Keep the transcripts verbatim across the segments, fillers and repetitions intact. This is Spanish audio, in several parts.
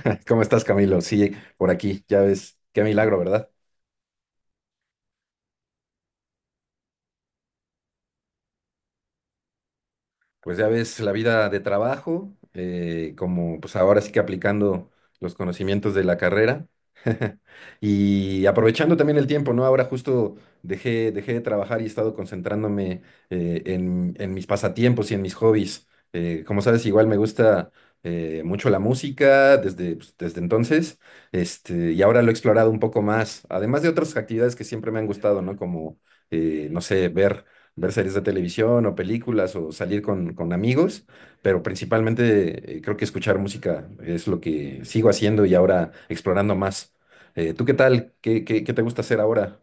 ¿Cómo estás, Camilo? Sí, por aquí, ya ves, qué milagro, ¿verdad? Pues ya ves la vida de trabajo, eh, como pues ahora sí que aplicando los conocimientos de la carrera. Y aprovechando también el tiempo, ¿no? Ahora justo dejé, dejé de trabajar y he estado concentrándome eh, en, en mis pasatiempos y en mis hobbies. Eh, como sabes, igual me gusta eh, mucho la música desde, pues, desde entonces, este, y ahora lo he explorado un poco más, además de otras actividades que siempre me han gustado, ¿no? Como, eh, no sé, ver ver series de televisión o películas o salir con, con amigos, pero principalmente eh, creo que escuchar música es lo que sigo haciendo y ahora explorando más. Eh, ¿tú qué tal? ¿Qué, qué, qué te gusta hacer ahora?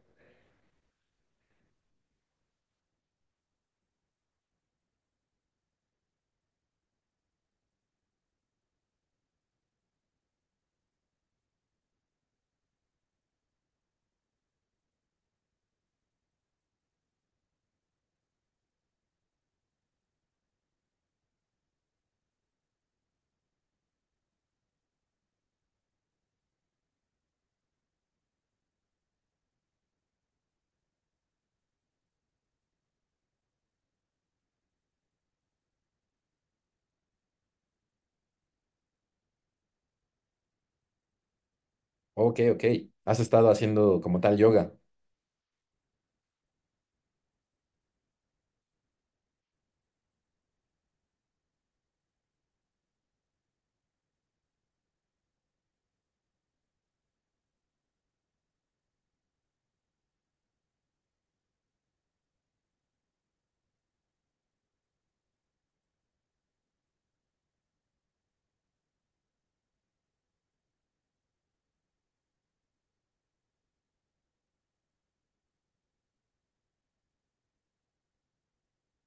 Ok, ok. ¿Has estado haciendo como tal yoga?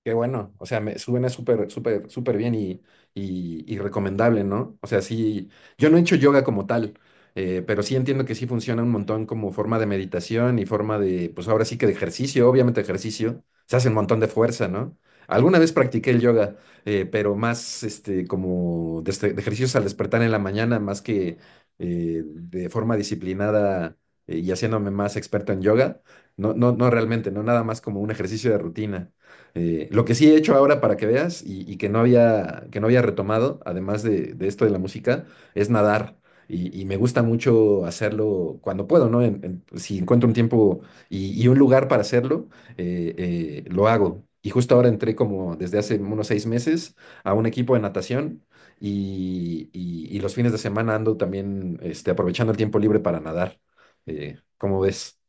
Qué bueno, o sea, me suena súper, súper, súper bien y, y, y recomendable, ¿no? O sea, sí, yo no he hecho yoga como tal, eh, pero sí entiendo que sí funciona un montón como forma de meditación y forma de, pues ahora sí que de ejercicio, obviamente ejercicio, se hace un montón de fuerza, ¿no? Alguna vez practiqué el yoga, eh, pero más este, como de, este- de ejercicios al despertar en la mañana, más que eh, de forma disciplinada eh, y haciéndome más experto en yoga, no, no, no realmente, no nada más como un ejercicio de rutina. Eh, lo que sí he hecho ahora para que veas y, y que no había, que no había retomado, además de, de esto de la música, es nadar. Y, y me gusta mucho hacerlo cuando puedo, ¿no? En- en- si encuentro un tiempo y, y un lugar para hacerlo, eh, eh, lo hago. Y justo ahora entré como desde hace unos seis meses a un equipo de natación y, y- y los fines de semana ando también este, aprovechando el tiempo libre para nadar. Eh, ¿cómo ves?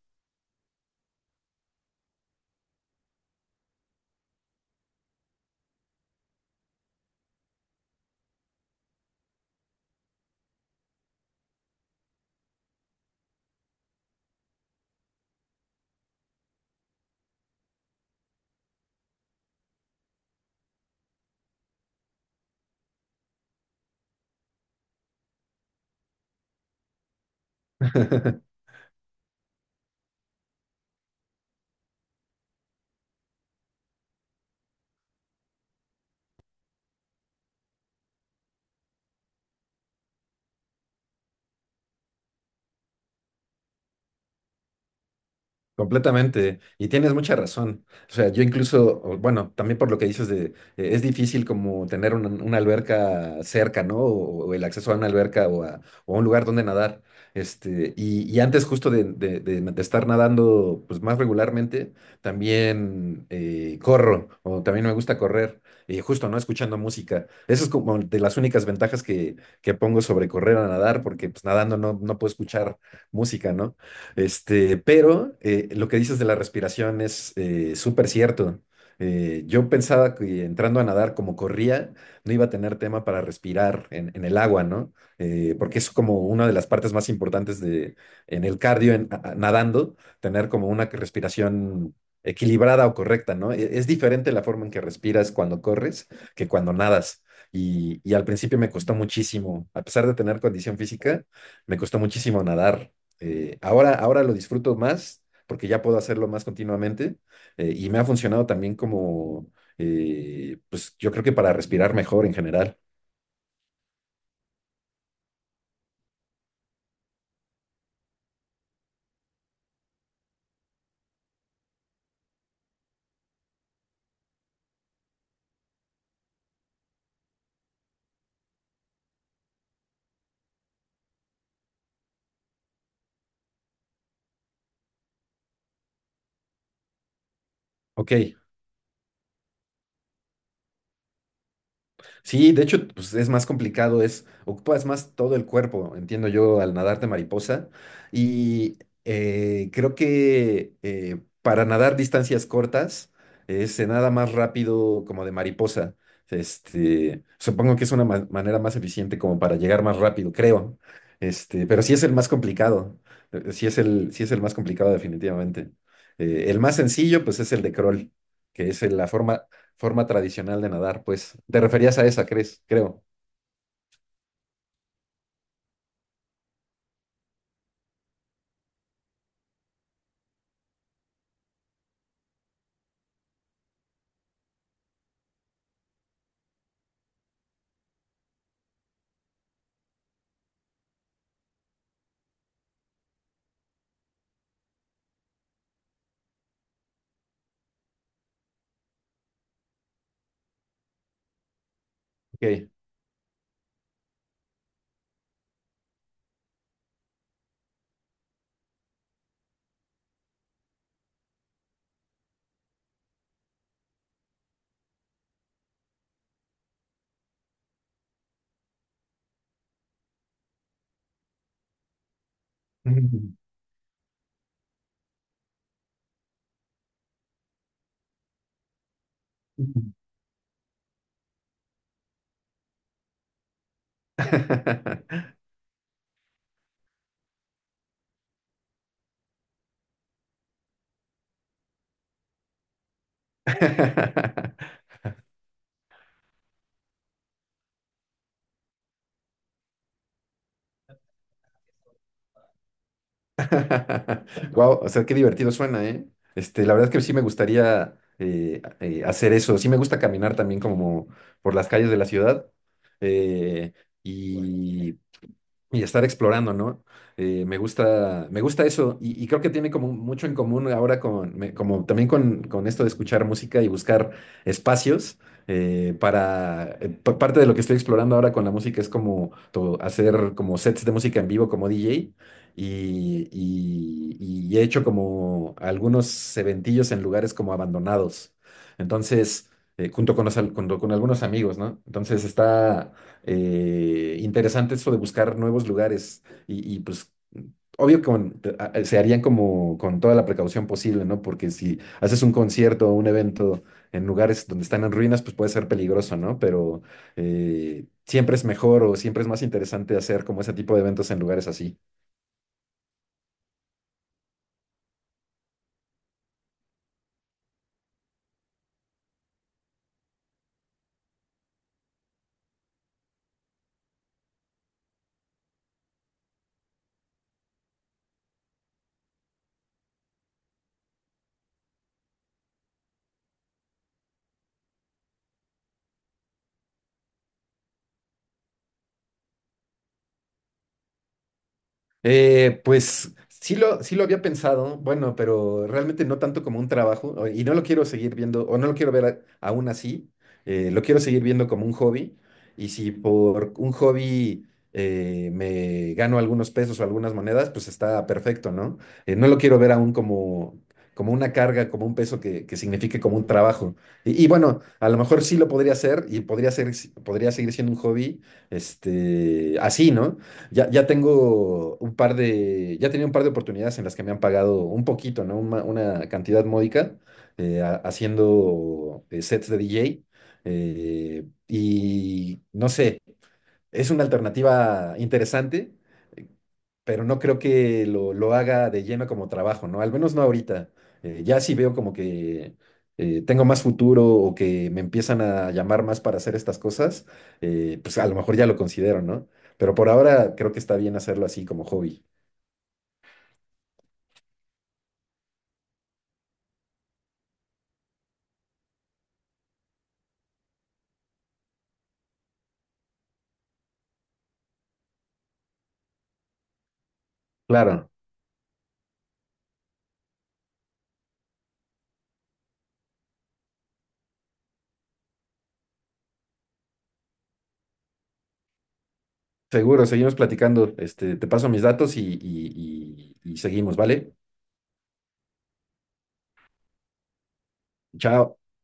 Completamente, y tienes mucha razón. O sea, yo incluso, o bueno, también por lo que dices de, eh, es difícil como tener una, una alberca cerca, ¿no? O, o el acceso a una alberca o a, o a un lugar donde nadar. Este, y, y antes justo de, de- de- de estar nadando pues más regularmente, también eh, corro, o también me gusta correr, y justo, ¿no? Escuchando música. Eso es como de las únicas ventajas que, que pongo sobre correr a nadar, porque pues nadando no, no puedo escuchar música, ¿no? Este, pero eh, lo que dices de la respiración es eh, súper cierto. Eh, yo pensaba que entrando a nadar como corría, no iba a tener tema para respirar en, en el agua, ¿no? Eh, porque es como una de las partes más importantes de, en el cardio, en- a- a- nadando, tener como una respiración equilibrada o correcta, ¿no? E- Es diferente la forma en que respiras cuando corres que cuando nadas. Y, y al principio me costó muchísimo, a pesar de tener condición física, me costó muchísimo nadar. Eh, ahora, ahora lo disfruto más porque ya puedo hacerlo más continuamente eh, y me ha funcionado también como, eh, pues yo creo que para respirar mejor en general. Ok. Sí, de hecho, pues es más complicado, es, ocupas más todo el cuerpo, entiendo yo, al nadarte mariposa. Y eh, creo que eh, para nadar distancias cortas eh, se nada más rápido como de mariposa. Este, supongo que es una ma- manera más eficiente como para llegar más rápido, creo. Este, pero sí es el más complicado. eh, Sí es el, sí es el más complicado, definitivamente. Eh, el más sencillo, pues es el de crawl, que es la forma forma tradicional de nadar, pues. Te referías a esa, ¿crees? Creo. Ok. Wow, o sea, qué divertido suena, ¿eh? Este, la verdad es que sí me gustaría eh, eh, hacer eso. Sí me gusta caminar también como por las calles de la ciudad. eh, y y estar explorando, ¿no? Eh, me gusta, me gusta eso y, y creo que tiene como mucho en común ahora con, me- como también con, con esto de escuchar música y buscar espacios eh, para, eh, pa- parte de lo que estoy explorando ahora con la música es como to- hacer como sets de música en vivo como D J y, y- y he hecho como algunos eventillos en lugares como abandonados. Entonces, eh, junto con los al- junto con algunos amigos, ¿no? Entonces está eh, interesante eso de buscar nuevos lugares y, y, pues obvio que con- te- a- a- se harían como con toda la precaución posible, ¿no? Porque si haces un concierto o un evento en lugares donde están en ruinas, pues puede ser peligroso, ¿no? Pero eh, siempre es mejor o siempre es más interesante hacer como ese tipo de eventos en lugares así. Eh, pues sí lo, sí lo había pensado, bueno, pero realmente no tanto como un trabajo o- y no lo quiero seguir viendo o no lo quiero ver a- aún así, eh, lo quiero seguir viendo como un hobby y si por un hobby eh, me gano algunos pesos o algunas monedas, pues está perfecto, ¿no? Eh, no lo quiero ver aún como, como una carga, como un peso que, que signifique como un trabajo. Y, y bueno, a lo mejor sí lo podría hacer y podría ser, podría seguir siendo un hobby, este, así, ¿no? Ya, ya tengo un par de, ya tenía un par de oportunidades en las que me han pagado un poquito, ¿no? Una, una cantidad módica eh, ha- haciendo eh, sets de D J. Eh, y no sé, es una alternativa interesante pero no creo que lo, lo haga de lleno como trabajo, ¿no? Al menos no ahorita. Eh, ya sí veo como que eh, tengo más futuro o que me empiezan a llamar más para hacer estas cosas, eh, pues a lo mejor ya lo considero, ¿no? Pero por ahora creo que está bien hacerlo así como hobby. Claro, seguro, seguimos platicando. Este, te paso mis datos y, y y- y seguimos, ¿vale? Chao.